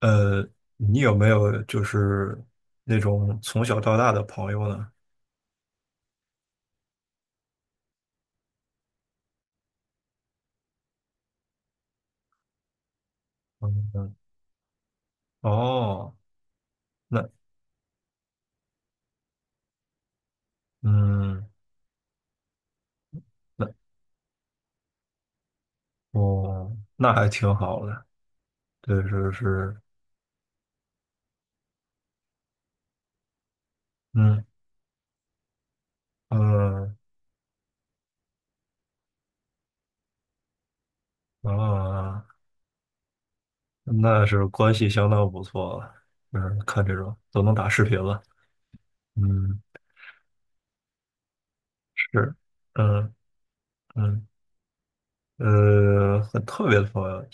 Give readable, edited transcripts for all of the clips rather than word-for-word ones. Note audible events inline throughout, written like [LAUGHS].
呃，你有没有就是那种从小到大的朋友呢？嗯，嗯。哦。那。嗯。那。哦，那还挺好的。对，是是。嗯。嗯。啊，那是关系相当不错了。嗯，看这种都能打视频了。嗯。是。嗯。嗯。很特别的朋友，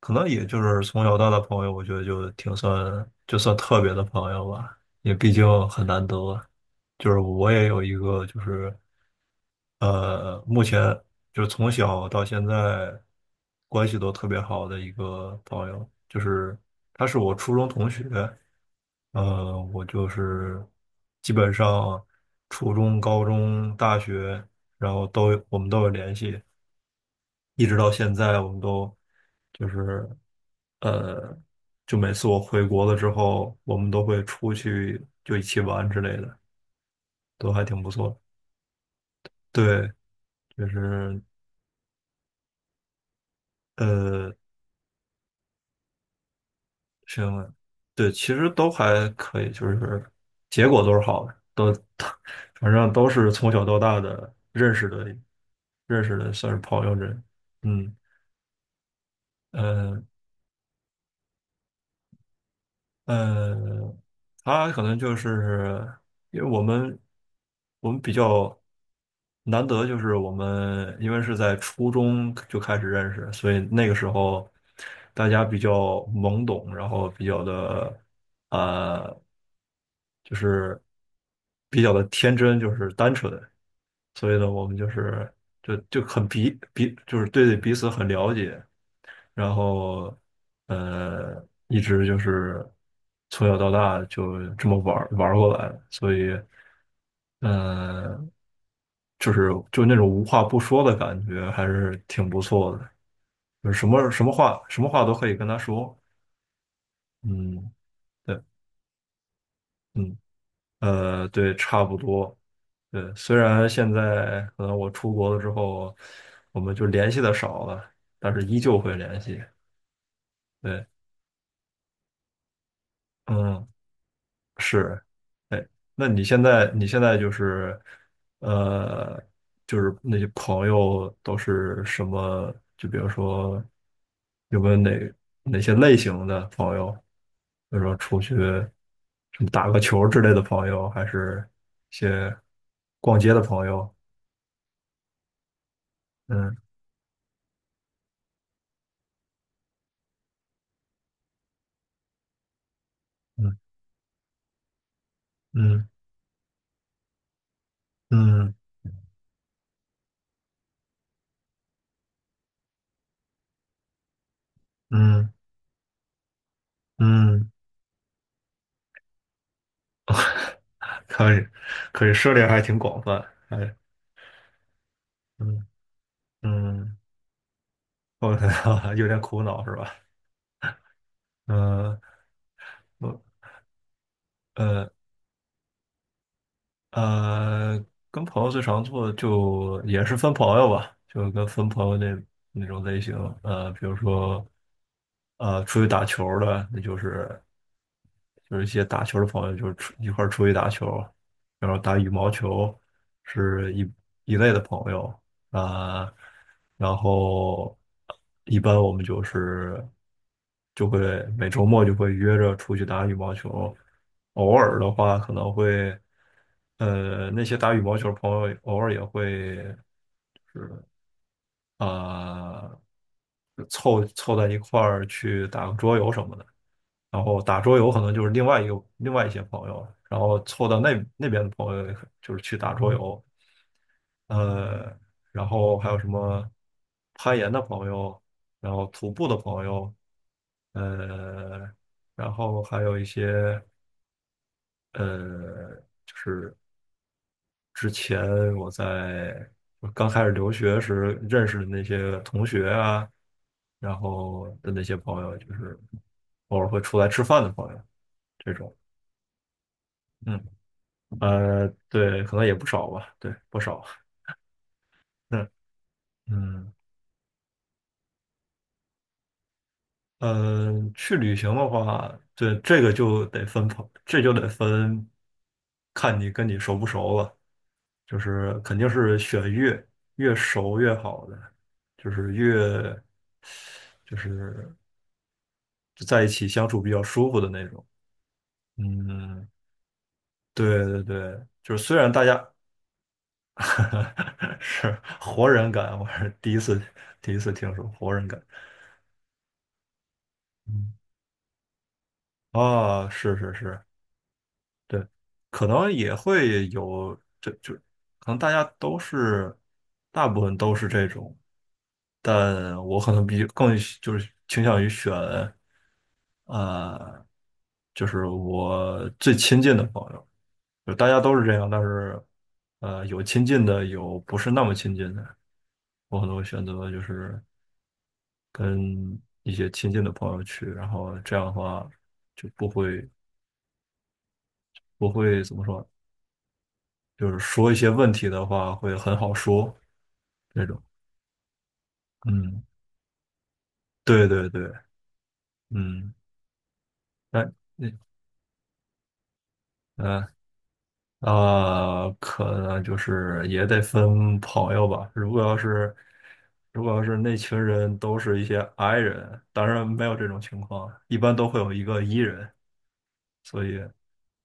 可能也就是从小到大的朋友，我觉得就算特别的朋友吧，也毕竟很难得啊。就是我也有一个，就是目前就是从小到现在关系都特别好的一个朋友，就是他是我初中同学。我就是基本上初中、高中、大学，然后我们都有联系。一直到现在，我们都就是呃，就每次我回国了之后，我们都会出去就一起玩之类的，都还挺不错的。对，就是呃，行。对，其实都还可以，就是结果都是好的，都 [LAUGHS] 反正都是从小到大的认识的，算是朋友这。嗯。呃，嗯，他可能就是因为我们比较难得，就是我们因为是在初中就开始认识，所以那个时候大家比较懵懂，然后比较的呃，就是比较的天真，就是单纯，所以呢，我们就是就很就是对彼此很了解，然后一直就是从小到大就这么玩儿玩儿过来的，所以呃，就是就那种无话不说的感觉，还是挺不错的。就是什么话都可以跟他说。嗯。对。嗯。对，差不多。对，虽然现在可能我出国了之后，我们就联系的少了，但是依旧会联系。对。嗯。是。哎，那你现在就是，呃，就是那些朋友都是什么？就比如说，有没有哪些类型的朋友？比如说出去什么打个球之类的朋友，还是一些逛街的朋友？嗯。嗯。嗯。嗯。嗯。嗯。[LAUGHS] 可以可以，涉猎还挺广泛。哎。嗯嗯。我 [LAUGHS] 有点苦恼是吧？呃，我呃呃，跟朋友最常做的就也是分朋友吧，就跟分朋友那种类型。比如说出去打球儿的，那就是一些打球的朋友，就是一块儿出去打球。然后打羽毛球是一类的朋友啊。然后一般我们就是就会每周末就会约着出去打羽毛球。偶尔的话可能会，那些打羽毛球的朋友偶尔也会就是啊、呃凑凑在一块儿去打个桌游什么的。然后打桌游可能就是另外一些朋友，然后凑到那边的朋友就是去打桌游。呃，然后还有什么攀岩的朋友，然后徒步的朋友。呃，然后还有一些呃，就是之前我在我刚开始留学时认识的那些同学啊，然后的那些朋友，就是偶尔会出来吃饭的朋友这种。嗯。对，可能也不少吧。对，不少。嗯。嗯。嗯。去旅行的话。对，这个就得分朋，这就得分，看你跟你熟不熟了，就是肯定是选越熟越好的，就是就是就在一起相处比较舒服的那种。嗯，对对对，就是虽然大家 [LAUGHS] 是活人感。我是第一次听说活人感。嗯。啊，是是是，对，可能也会有，这就可能大家都是，大部分都是这种，但我可能比更喜就是倾向于选，呃，就是我最亲近的朋友。就大家都是这样，但是，有亲近的，有不是那么亲近的，我可能会选择就是跟一些亲近的朋友去，然后这样的话就不会怎么说。就是说一些问题的话会很好说这种。嗯，对对对。嗯。那。那。嗯。啊，可能就是也得分朋友吧。如果要是那群人都是一些 I 人，当然没有这种情况，一般都会有一个 E 人，所以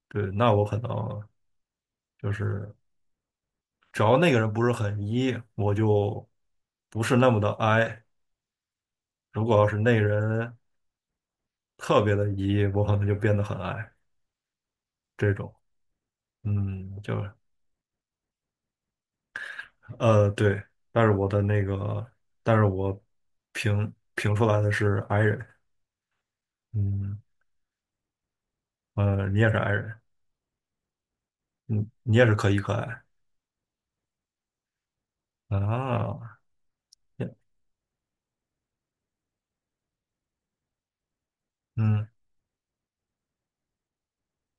对，那我可能就是只要那个人不是很 E,我就不是那么的 I。如果要是那个人特别的 E,我可能就变得很 I。这种。嗯，就是对，但是我的那个，但是我评出来的是 i 人。嗯。你也是 i 人。嗯，你也是可一可爱啊。嗯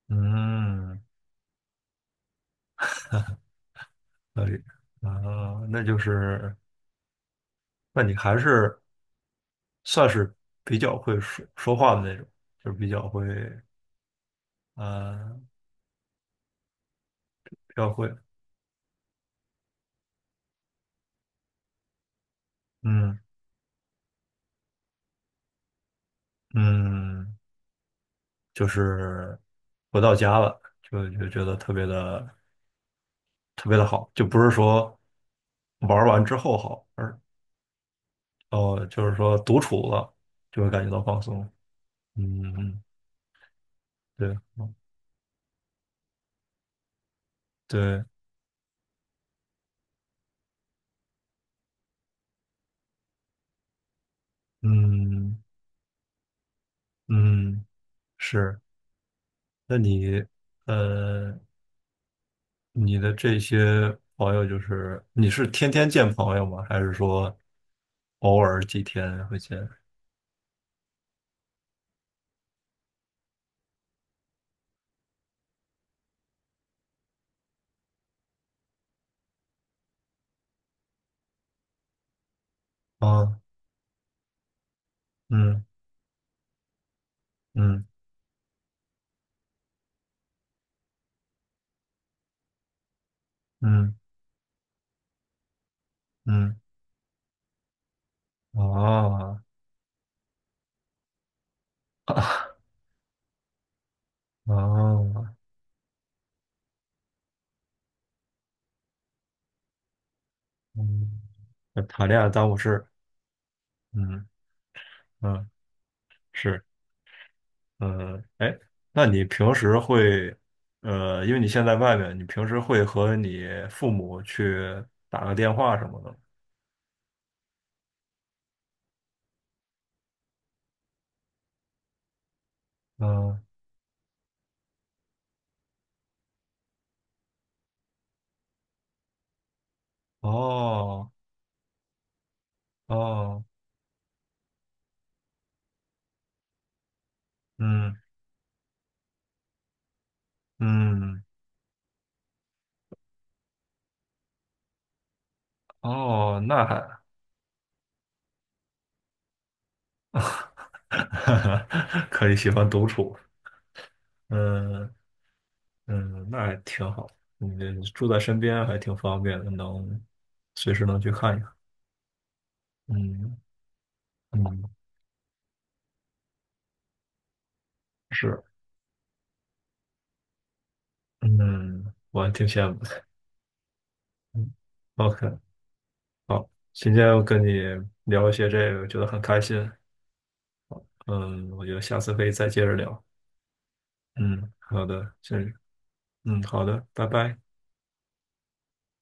嗯。可以。啊，那你还是算是比较会说话的那种，就是呃比较会，嗯嗯，就是回到家了就觉得特别的。特别的好，就不是说玩儿完之后好，哦，就是说独处了就会感觉到放松。嗯。对。嗯。对。嗯嗯。是。那你呃，你的这些朋友，就是你是天天见朋友吗？还是说偶尔几天会见？啊。嗯。嗯。嗯。嗯。啊啊啊。嗯。谈恋爱耽误事。嗯嗯。是。嗯。哎，那你平时会，因为你现在外面，你平时会和你父母去打个电话什么的吗？嗯。哦。哦。嗯。嗯。哦，那还 [LAUGHS] 可以，喜欢独处。嗯嗯。那还挺好，你住在身边还挺方便的，能随时能去看一看。嗯嗯。是。嗯，我还挺羡慕的。嗯，OK。好，今天我跟你聊一些这个，觉得很开心。嗯，我觉得下次可以再接着聊。嗯，好的，行，嗯，好的，拜拜。